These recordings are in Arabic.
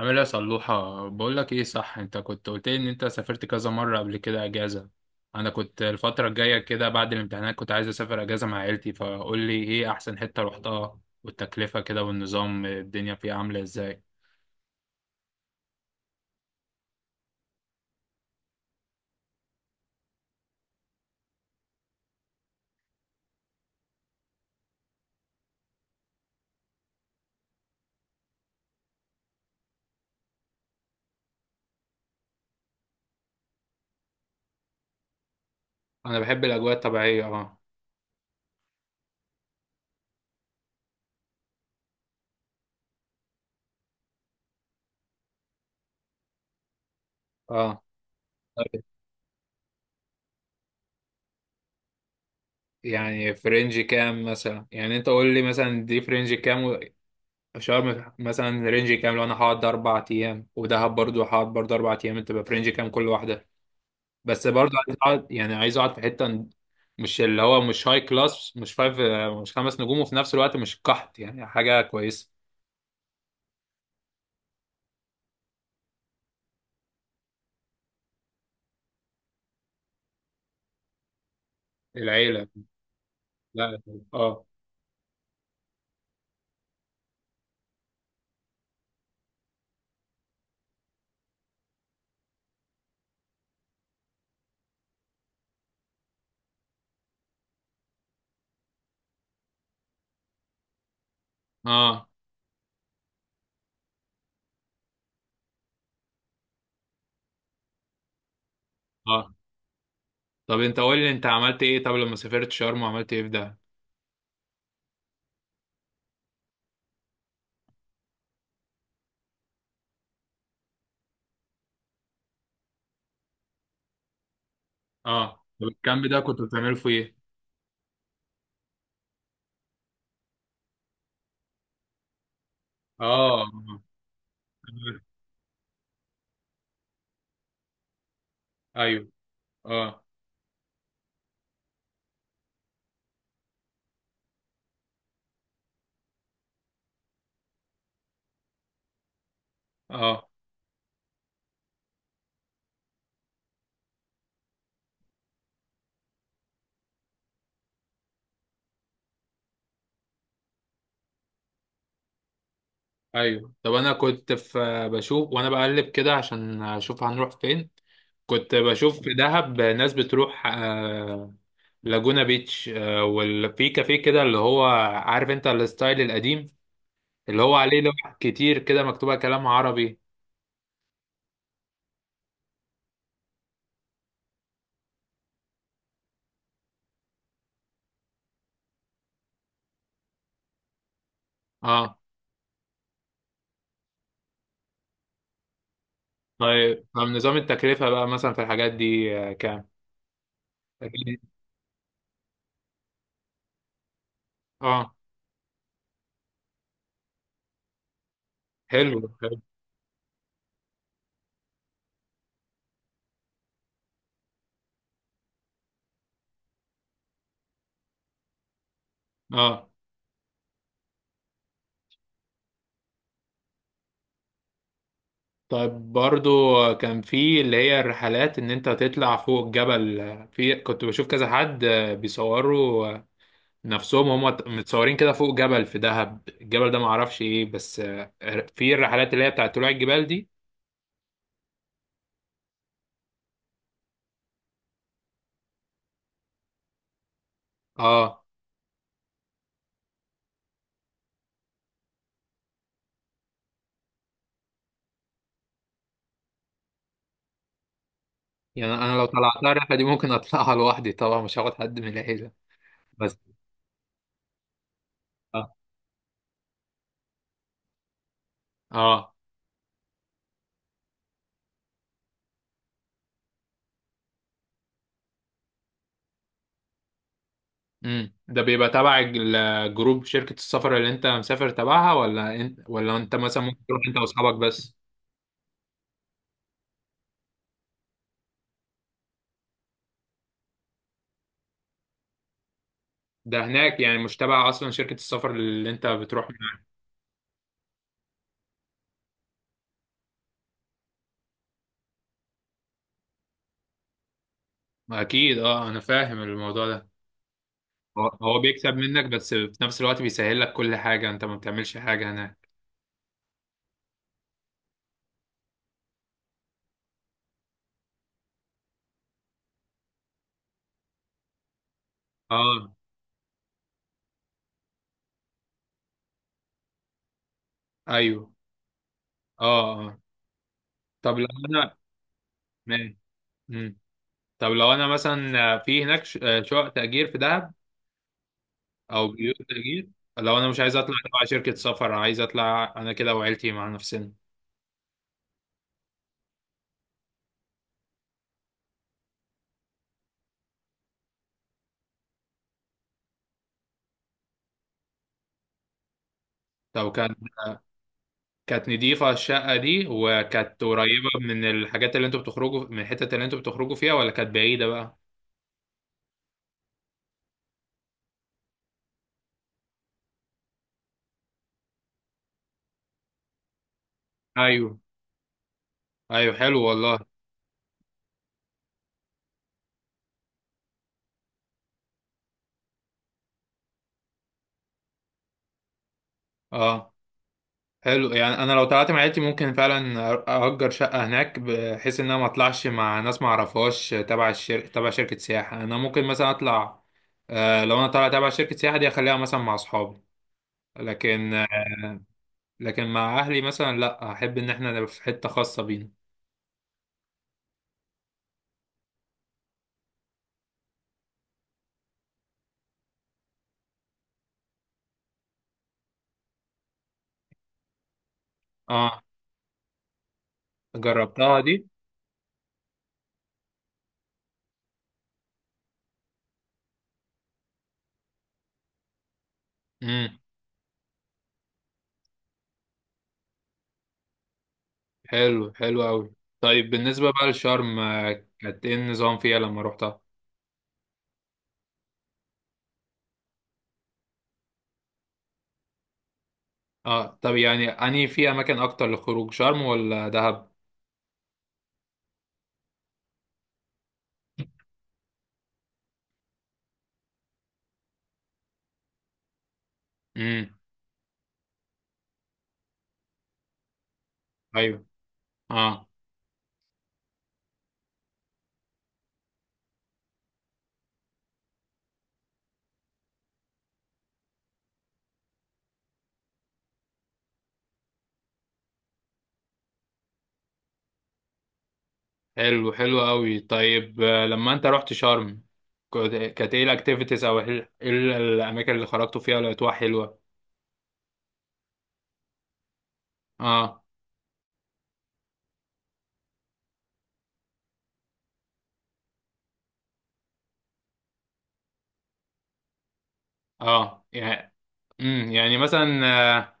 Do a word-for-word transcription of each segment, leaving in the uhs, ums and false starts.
عامل ايه يا صلوحة؟ بقول لك ايه، صح؟ انت كنت قلت لي ان انت سافرت كذا مرة قبل كده اجازة. انا كنت الفترة الجاية كده بعد الامتحانات كنت عايز اسافر اجازة مع عيلتي، فقول لي ايه احسن حتة رحتها، والتكلفة كده، والنظام الدنيا فيها عاملة ازاي؟ انا بحب الاجواء الطبيعية. اه. اه. طيب، يعني في رينج كام مثلا؟ يعني انت قول لي مثلا دي في رينج كام و- شرم مثلا رينج كام لو انا هقعد اربع ايام، ودهب برضو هقعد برضو اربع ايام، انت بقى في رينج كام كل واحدة؟ بس برضه عايز اقعد، يعني عايز اقعد في حته. مش اللي هو مش هاي كلاس، مش فايف. مش خمس نجوم، وفي نفس الوقت مش قحط، يعني حاجه كويسه. العيله. لا. اه. اه. اه. طب انت قول لي انت عملت ايه، طب لما سافرت شرم عملت ايه في ده؟ اه. طب الكامب ده كنت بتعمله في ايه؟ اه. ايوه. اه. اه. ايوه. طب انا كنت في بشوف وانا بقلب كده عشان اشوف هنروح فين. كنت بشوف في دهب ناس بتروح آه، لاجونا بيتش، آه، وفي كافيه كده اللي هو، عارف انت الستايل القديم، اللي هو عليه لوح كتير كده مكتوبة كلام عربي. اه. طيب، طب نظام التكلفة بقى مثلا في الحاجات دي آه، كام؟ اه. حلو حلو. اه. طيب، برضو كان في اللي هي الرحلات ان انت تطلع فوق الجبل. في كنت بشوف كذا حد آه، بيصوروا آه، نفسهم هم متصورين كده فوق جبل في دهب، الجبل ده معرفش ايه بس آه، في الرحلات اللي هي بتاعت طلوع الجبال دي. اه. يعني انا لو طلعتها الرحله دي ممكن اطلعها لوحدي طبعا، مش هاخد حد من العيله. بس. اه. اه. امم ده بيبقى تبع الج- الجروب، شركه السفر اللي انت مسافر تبعها، ولا انت ولا انت مثلا ممكن تروح انت واصحابك بس؟ ده هناك يعني، مش تبع اصلا شركه السفر اللي انت بتروح معاها؟ اكيد اه، انا فاهم الموضوع ده. هو هو بيكسب منك، بس في نفس الوقت بيسهل لك كل حاجه، انت ما بتعملش حاجه هناك. اه. ايوه. اه. اه. طب لو انا... ماشي. طب لو انا مثلا في هناك ش- آه، شقق تأجير في دهب، او بيوت تأجير. لو انا مش عايز اطلع تبع شركة سفر، عايز اطلع انا كده وعيلتي مع نفسنا. طب كان، كانت نضيفة الشقة دي؟ وكانت قريبة من الحاجات اللي انتوا بتخرجوا، من الحتت اللي انتوا بتخرجوا فيها، ولا كانت بعيدة بقى؟ ايوه ايوه، حلو والله. اه. حلو. يعني انا لو طلعت مع عيلتي ممكن فعلا أر- اجر شقه هناك، بحيث ان انا ما اطلعش مع ناس ما اعرفهاش تبع الشر... تبع شركه سياحه، انا ممكن مثلا اطلع. آه، لو انا طالع تبع شركه سياحه دي اخليها مثلا مع اصحابي. لكن لكن مع اهلي مثلا لا، احب ان احنا نبقى في حته خاصه بينا. اه. جربتها دي؟ امم. حلو حلو قوي. طيب، بالنسبه بقى لشرم آه، كانت ايه النظام فيها لما روحتها؟ اه. طب يعني اني في اماكن اكتر للخروج شرم ولا دهب؟ امم. ايوه. اه. حلو حلو قوي. طيب، آه، لما انت رحت شرم، كنت- كانت ايه الاكتيفيتيز، او ايه إيه الاماكن اللي خرجتوا فيها لقيتوها حلوه؟ اه. اه. يعني. امم يعني مثلا، آه،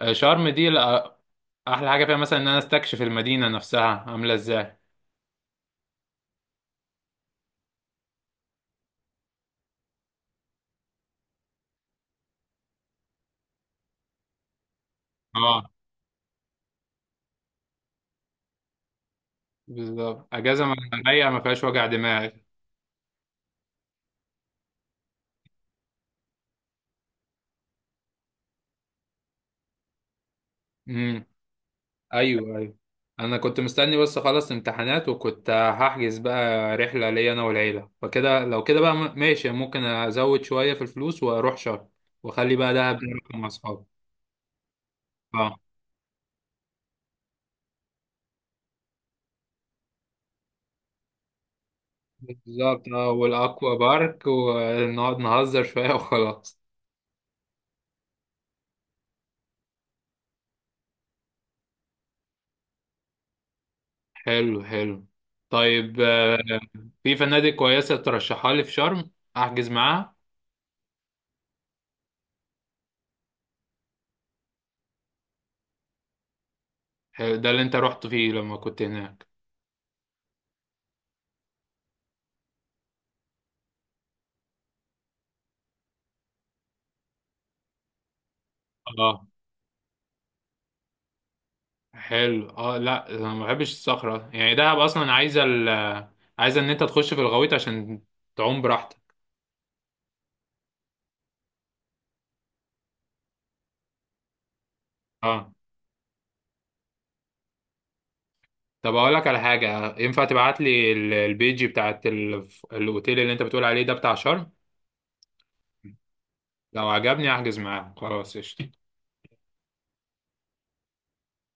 آه، شرم دي لأ- احلى حاجه فيها مثلا ان انا استكشف المدينه نفسها عامله ازاي. اه. بالظبط، اجازه ما- رايقه ما فيهاش وجع دماغ. امم. ايوه. ايوه. انا كنت مستني بس اخلص امتحانات، وكنت هحجز بقى رحله ليا انا والعيله، فكده لو كده بقى م- ماشي، ممكن ازود شويه في الفلوس واروح شرم، واخلي بقى دهب ده مع اصحابي. اه، بالظبط. اه، والاكوا بارك ونقعد نهزر شويه وخلاص. حلو حلو. طيب، آه، في فنادق كويسه ترشحها لي في شرم احجز معاها؟ حلو، ده اللي انت رحت فيه لما كنت هناك؟ اه. حلو. اه، لا انا ما بحبش الصخرة، يعني دهب اصلا عايزة ال عايزة ان انت تخش في الغويط عشان تعوم براحتك. اه. طب اقول لك على حاجة، ينفع تبعت لي ال- البيج بتاعت ال- الاوتيل اللي انت بتقول عليه ده بتاع شرم؟ لو عجبني احجز معاه، خلاص قشطة.